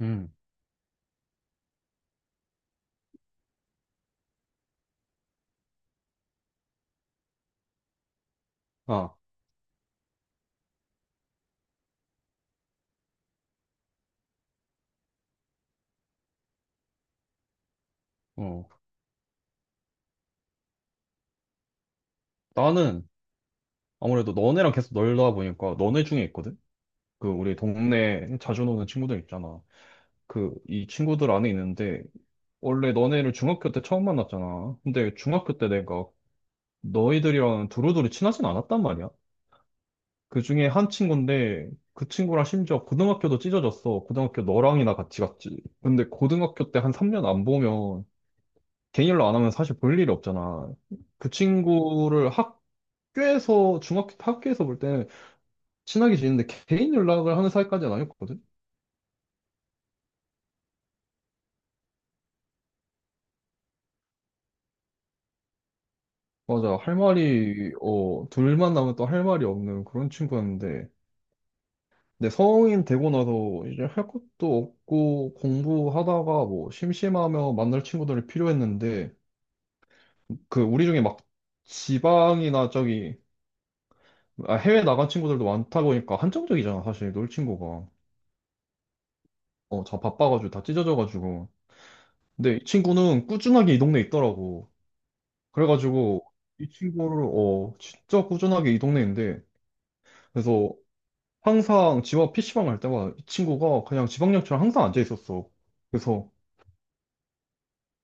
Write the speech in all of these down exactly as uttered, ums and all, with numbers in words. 음, 아, 어. 나는 아무래도 너네랑 계속 놀다 보니까 너네 중에 있거든? 그 우리 동네에 자주 노는 친구들 있잖아. 그 이 친구들 안에 있는데 원래 너네를 중학교 때 처음 만났잖아. 근데 중학교 때 내가 너희들이랑 두루두루 친하진 않았단 말이야. 그 중에 한 친구인데 그 친구랑 심지어 고등학교도 찢어졌어. 고등학교 너랑이나 같이 갔지. 근데 고등학교 때 한 삼 년 안 보면 개인일로 안 하면 사실 볼 일이 없잖아. 그 친구를 학 학교에서 중학교 학교에서 볼 때는 친하게 지냈는데 개인 연락을 하는 사이까지는 아니었거든. 맞아, 할 말이 어 둘만 나면 또 할 말이 없는 그런 친구였는데, 근데 성인 되고 나서 이제 할 것도 없고 공부하다가 뭐 심심하면 만날 친구들이 필요했는데, 그 우리 중에 막 지방이나 저기, 아, 해외 나간 친구들도 많다 보니까 한정적이잖아, 사실 놀 친구가. 어다 바빠가지고 다 찢어져가지고. 근데 이 친구는 꾸준하게 이 동네에 있더라고. 그래가지고 이 친구를 어 진짜 꾸준하게 이 동네인데, 그래서 항상 집 앞 피시방 갈 때마다 이 친구가 그냥 지방역처럼 항상 앉아 있었어. 그래서,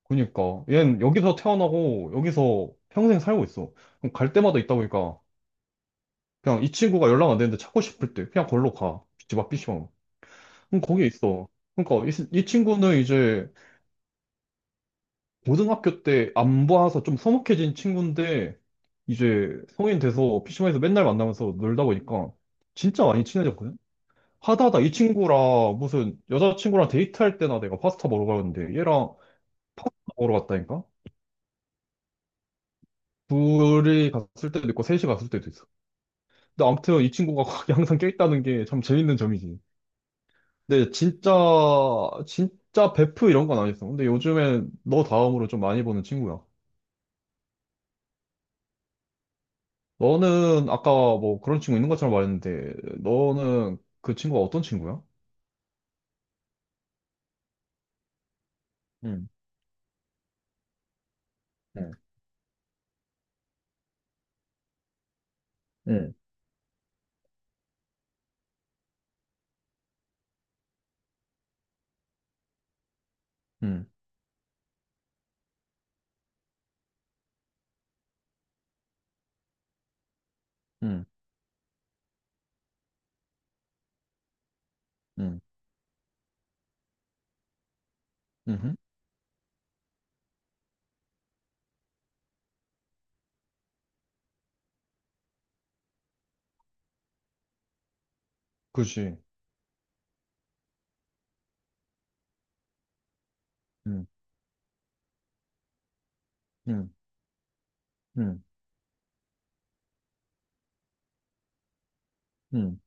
그니까 얘는 여기서 태어나고 여기서 평생 살고 있어. 그럼 갈 때마다 있다 보니까 그냥 이 친구가 연락 안 되는데 찾고 싶을 때 그냥 걸로 가. 집 앞 피시방. 그럼 거기 있어. 그러니까 이, 이 친구는 이제 고등학교 때 안 봐서 좀 서먹해진 친구인데, 이제 성인 돼서 피 c 방에서 맨날 만나면서 놀다 보니까 진짜 많이 친해졌거든? 하다 하다 이 친구랑 무슨 여자친구랑 데이트할 때나, 내가 파스타 먹으러 가는데 얘랑 파스타 먹으러 갔다니까? 둘이 갔을 때도 있고 셋이 갔을 때도 있어. 근데 아무튼 이 친구가 거기 항상 껴있다는 게 참 재밌는 점이지. 근데 진짜 진짜 베프 이런 건 아니었어. 근데 요즘엔 너 다음으로 좀 많이 보는 친구야. 너는 아까 뭐 그런 친구 있는 것처럼 말했는데, 너는 그 친구가 어떤 친구야? 응, 응, 응, 응, 응, 응, 응, 그지. 응, 응, 응, 응,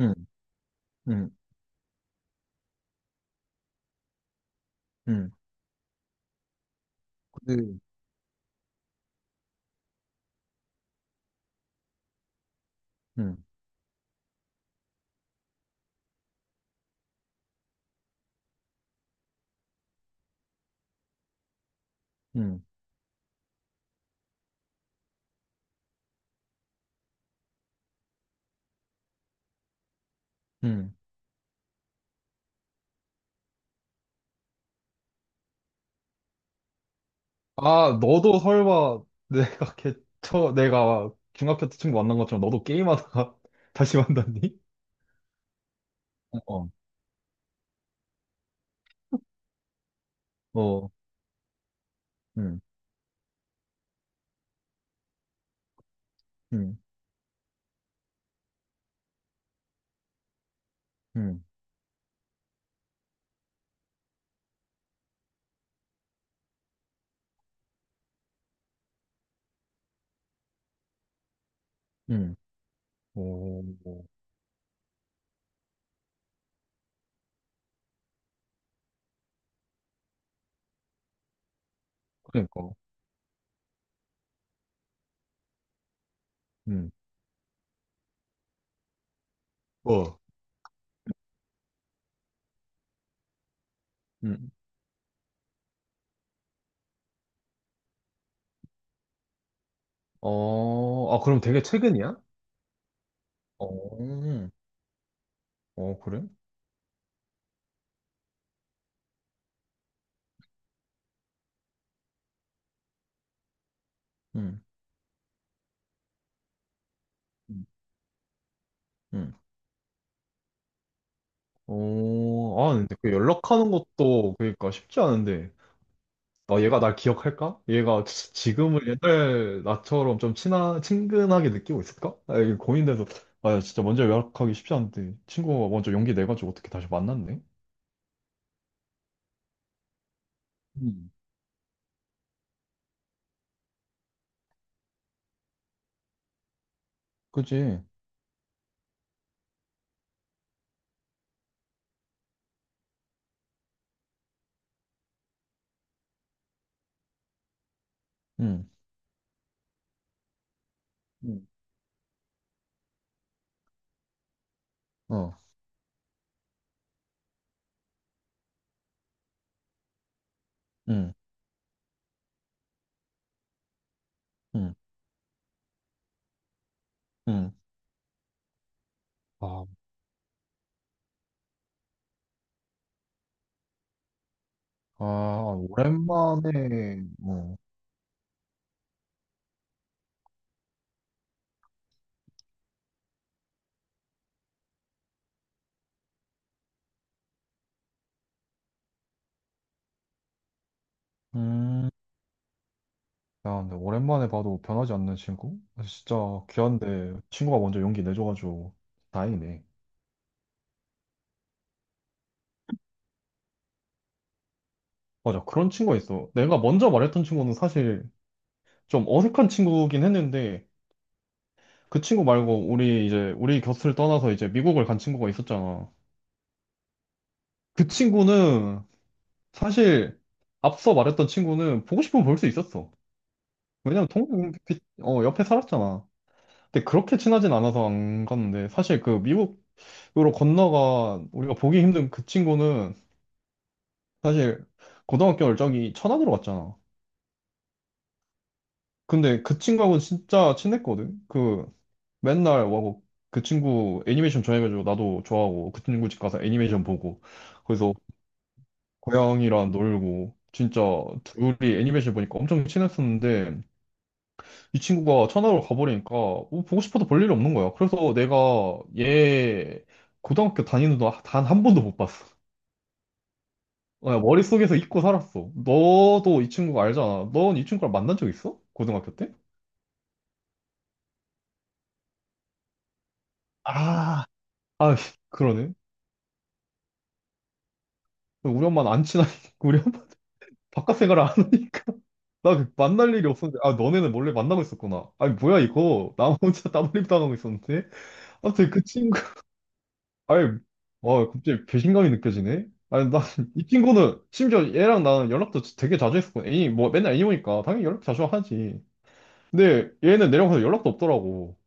응, 응, 응, 그지. 응, 응, 응. 아, 너도 설마 내가 개, 처, 내가 중학교 때 친구 만난 것처럼 너도 게임하다가 다시 만났니? 어, 어, 응, 응, 응, 응. 오, 그러니까. 응, 어. 응, 어, 아, 그럼 되게 최근이야? 어, 어, 그래? 응, 음. 응. 응. 어, 아, 근데 그 연락하는 것도 그러니까 쉽지 않은데. 아, 얘가 날 기억할까? 얘가 지금을 옛날 나처럼 좀 친하, 친근하게 느끼고 있을까? 아, 이게 고민돼서. 아, 진짜 먼저 연락하기 쉽지 않은데. 친구가 먼저 용기 내가지고 어떻게 다시 만났네? 응, 그지? 응, 응, 어, 응, 응, 응. 아, 아, 오랜만에, 뭐, 음. 야, 근데 오랜만에 봐도 변하지 않는 친구? 진짜 귀한데 친구가 먼저 용기 내줘가지고 다행이네. 맞아, 그런 친구가 있어. 내가 먼저 말했던 친구는 사실 좀 어색한 친구긴 했는데, 그 친구 말고 우리 이제 우리 곁을 떠나서 이제 미국을 간 친구가 있었잖아. 그 친구는, 사실 앞서 말했던 친구는 보고 싶으면 볼 수 있었어. 왜냐면 동, 비- 어, 옆에 살았잖아. 근데 그렇게 친하진 않아서 안 갔는데, 사실 그 미국으로 건너가 우리가 보기 힘든 그 친구는, 사실 고등학교 열정이 천안으로 갔잖아. 근데 그 친구하고는 진짜 친했거든. 그 맨날 와고, 그 친구 애니메이션 좋아해가지고 나도 좋아하고, 그 친구 집 가서 애니메이션 보고 거기서 고양이랑 놀고, 진짜 둘이 애니메이션 보니까 엄청 친했었는데, 이 친구가 천안으로 가버리니까 뭐 보고 싶어도 볼 일이 없는 거야. 그래서 내가 얘 고등학교 다니는 동안 단 한 번도 못 봤어. 그 머릿속에서 잊고 살았어. 너도 이 친구 알잖아. 넌 이 친구랑 만난 적 있어? 고등학교 때? 아, 아, 그러네. 우리 엄마는 안 친하니까, 우리 엄마 바깥 생활을 안 하니까. 나그 만날 일이 없었는데, 아, 너네는 몰래 만나고 있었구나. 아니, 뭐야, 이거. 나 혼자 따돌림 당하고 있었는데. 아무튼 그 친구, 아니, 와, 갑자기 배신감이 느껴지네. 아니, 나, 이 친구는, 심지어 얘랑 나는 연락도 되게 자주 했었고, 애니, 뭐, 맨날 애니 보니까 당연히 연락 자주 하지. 근데 얘는 내려가서 연락도 없더라고.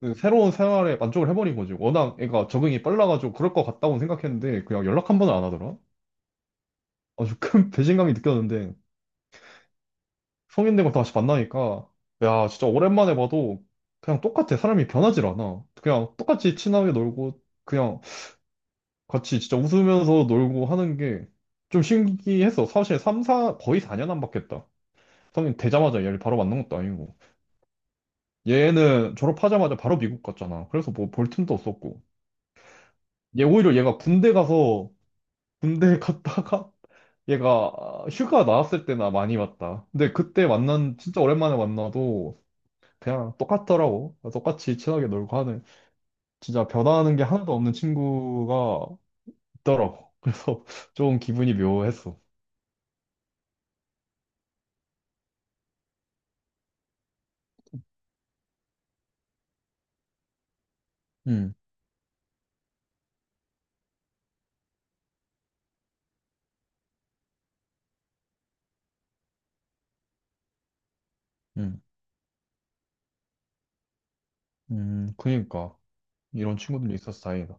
그 새로운 생활에 만족을 해버린 거지. 워낙 애가 적응이 빨라가지고 그럴 것 같다고 생각했는데, 그냥 연락 한 번을 안 하더라. 아주 큰 배신감이 느꼈는데, 성인 되고 다시 만나니까, 야, 진짜 오랜만에 봐도 그냥 똑같아. 사람이 변하질 않아. 그냥 똑같이 친하게 놀고, 그냥 같이 진짜 웃으면서 놀고 하는 게 좀 신기했어. 사실 삼, 사, 거의 사 년 안 바뀌었다. 성인 되자마자 얘를 바로 만난 것도 아니고, 얘는 졸업하자마자 바로 미국 갔잖아. 그래서 뭐 볼 틈도 없었고, 얘 오히려 얘가 군대 가서, 군대 갔다가 얘가 휴가 나왔을 때나 많이 봤다. 근데 그때 만난, 진짜 오랜만에 만나도 그냥 똑같더라고. 똑같이 친하게 놀고 하는, 진짜 변화하는 게 하나도 없는 친구가 있더라고. 그래서 좀 기분이 묘했어. 음, 음, 음, 그니까 이런 친구들이 있어서 다행이다.